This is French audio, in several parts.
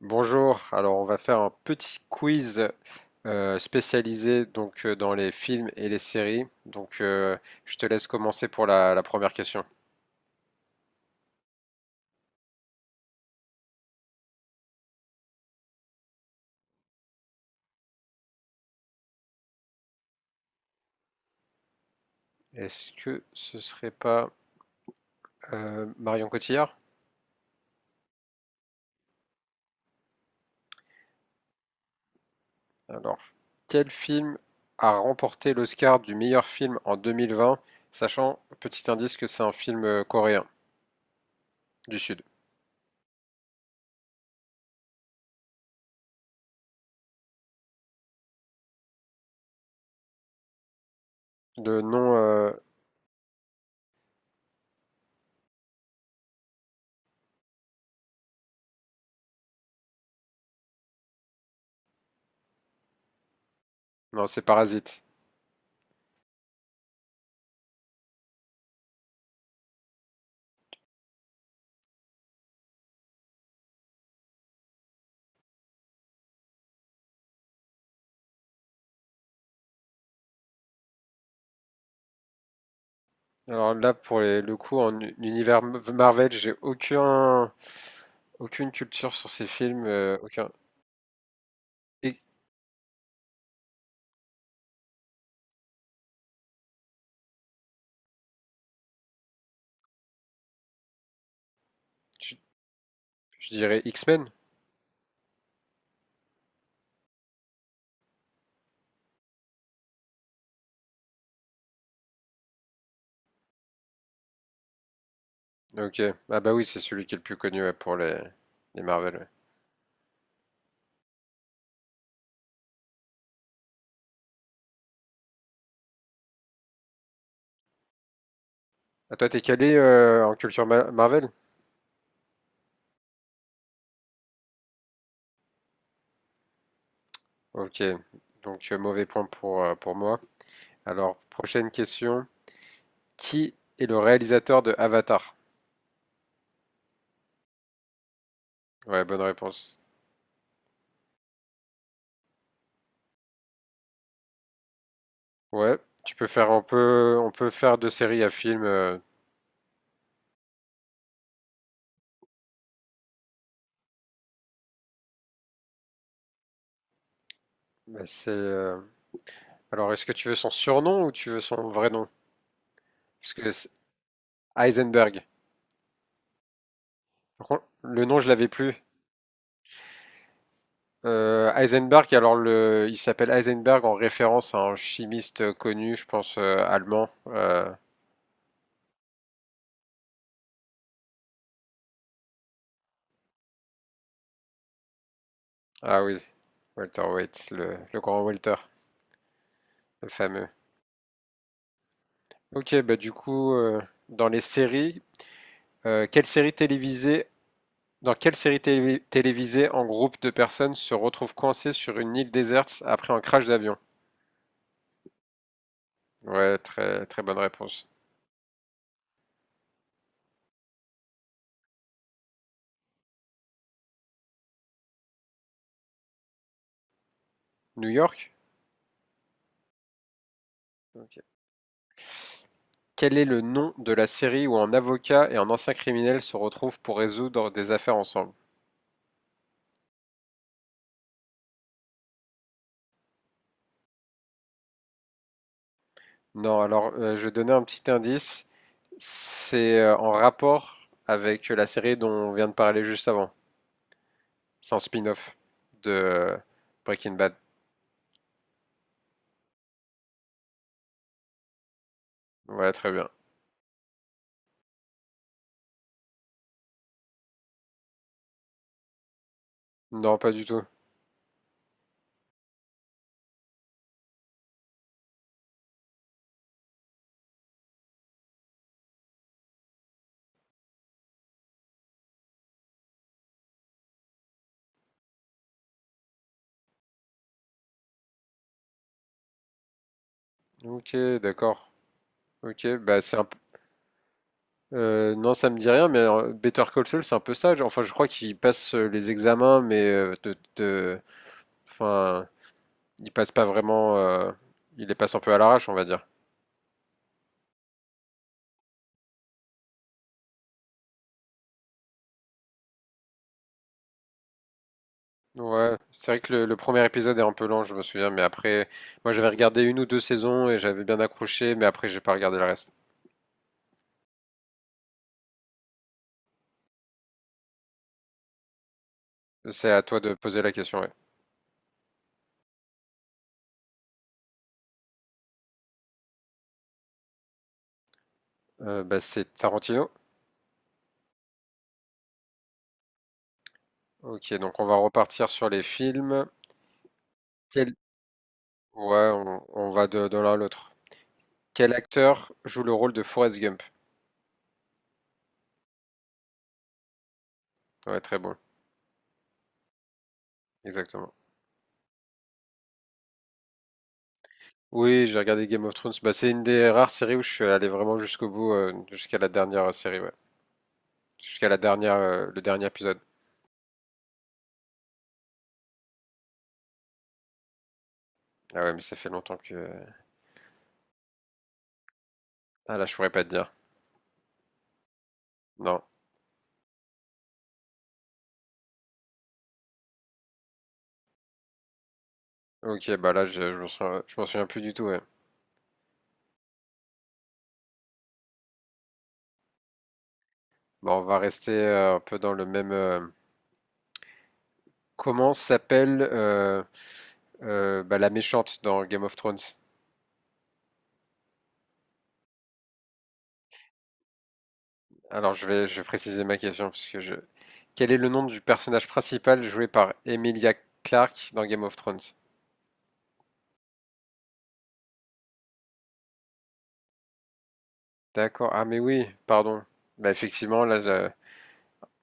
Bonjour, alors on va faire un petit quiz spécialisé donc dans les films et les séries. Donc je te laisse commencer pour la première question. Est-ce que ce serait pas Marion Cotillard? Alors, quel film a remporté l'Oscar du meilleur film en 2020, sachant, petit indice, que c'est un film coréen du Sud. Le nom, euh, non, c'est Parasite. Alors là, pour le coup, en univers Marvel, j'ai aucun Aucune culture sur ces films, aucun. Et, je, je dirais X-Men? Ok. Ah bah oui, c'est celui qui est le plus connu, ouais, pour les Marvel. Ouais. Ah, toi, t'es calé en culture Marvel? Ok. Donc, mauvais point pour moi. Alors, prochaine question. Qui est le réalisateur de Avatar? Ouais, bonne réponse. Ouais, tu peux faire, on peut faire de série à film. Mais c'est, euh, Alors, est-ce que tu veux son surnom ou tu veux son vrai nom? Parce que c'est Heisenberg. Par contre, le nom, je l'avais plus. Heisenberg, il s'appelle Heisenberg en référence à un chimiste connu, je pense allemand. Ah oui, Walter Waits, le grand Walter, le fameux. Ok, bah du coup, dans les séries, euh, quelle série télévisée, dans quelle série télévisée en groupe de personnes se retrouve coincé sur une île déserte après un crash d'avion? Ouais, très très bonne réponse. New York? Ok. Quel est le nom de la série où un avocat et un ancien criminel se retrouvent pour résoudre des affaires ensemble? Non, alors je vais donner un petit indice. C'est en rapport avec la série dont on vient de parler juste avant. C'est un spin-off de Breaking Bad. Voilà, très bien. Non, pas du tout. Ok, d'accord. Ok, bah non, ça me dit rien, mais Better Call Saul, c'est un peu ça. Enfin, je crois qu'il passe les examens, enfin, il passe pas vraiment. Il les passe un peu à l'arrache, on va dire. Ouais, c'est vrai que le premier épisode est un peu lent, je me souviens, mais après, moi j'avais regardé une ou deux saisons et j'avais bien accroché, mais après j'ai pas regardé le reste. C'est à toi de poser la question, ouais. Bah, c'est Tarantino. Ok, donc on va repartir sur les films. Quel... Ouais, on va de l'un à l'autre. Quel acteur joue le rôle de Forrest Gump? Ouais, très bon, exactement. Oui, j'ai regardé Game of Thrones. Bah, c'est une des rares séries où je suis allé vraiment jusqu'au bout, jusqu'à la dernière série, ouais. Le dernier épisode. Ah ouais, mais ça fait longtemps que ah là, je pourrais pas te dire. Non. Ok, bah là, je m'en souviens plus du tout. Ouais. Bah, on va rester un peu dans le même. Comment s'appelle bah, la méchante dans Game of Thrones? Alors, je vais préciser ma question parce que je. Quel est le nom du personnage principal joué par Emilia Clarke dans Game of Thrones? D'accord. Ah mais oui, pardon. Bah effectivement, là,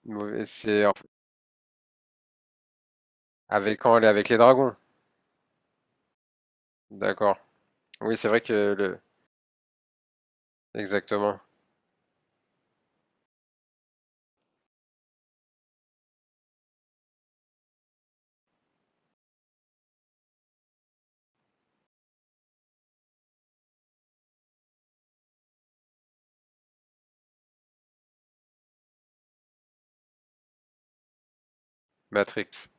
mauvais- c'est en- avec quand elle est avec les dragons. D'accord. Oui, c'est vrai que le. Exactement. Matrix.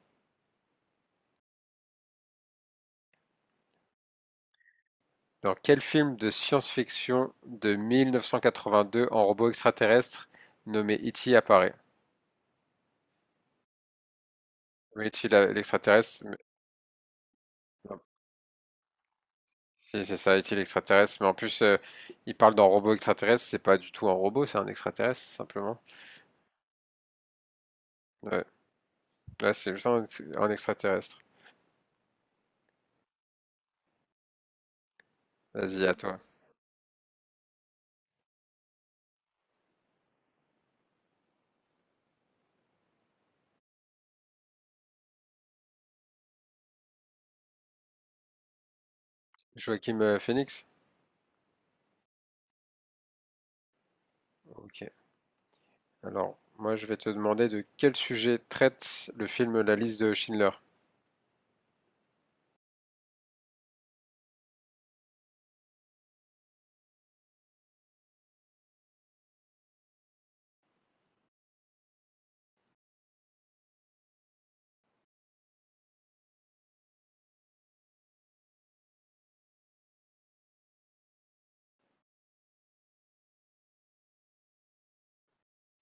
Dans quel film de science-fiction de 1982 en robot extraterrestre nommé E.T. apparaît? Oui, E.T. L'extraterrestre. Non, si, c'est ça, E.T. l'extraterrestre. Mais en plus, il parle d'un robot extraterrestre. C'est pas du tout un robot, c'est un extraterrestre, simplement. Ouais, ouais c'est juste un extraterrestre. Vas-y, à toi. Joachim Phoenix? Ok. Alors, moi, je vais te demander de quel sujet traite le film La liste de Schindler.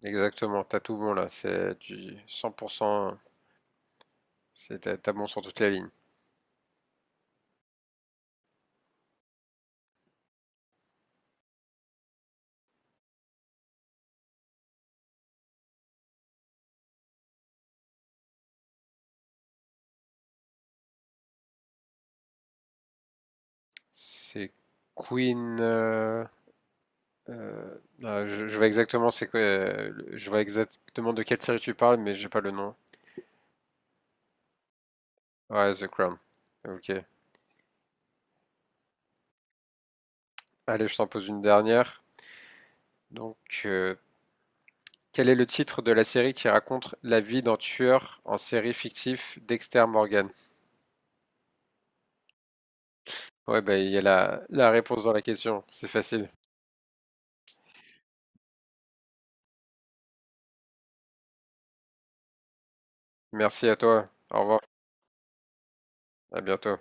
Exactement, t'as tout bon là. C'est du 100%. T'as bon sur toutes les lignes. C'est Queen. Euh, ah, je vois exactement c'est quoi. Je vois exactement de quelle série tu parles, mais j'ai pas le nom. Ouais, The Crown. Ok. Allez, je t'en pose une dernière. Donc, euh, quel est le titre de la série qui raconte la vie d'un tueur en série fictif Dexter Morgan? Ouais, bah il y a la réponse dans la question. C'est facile. Merci à toi. Au revoir. À bientôt.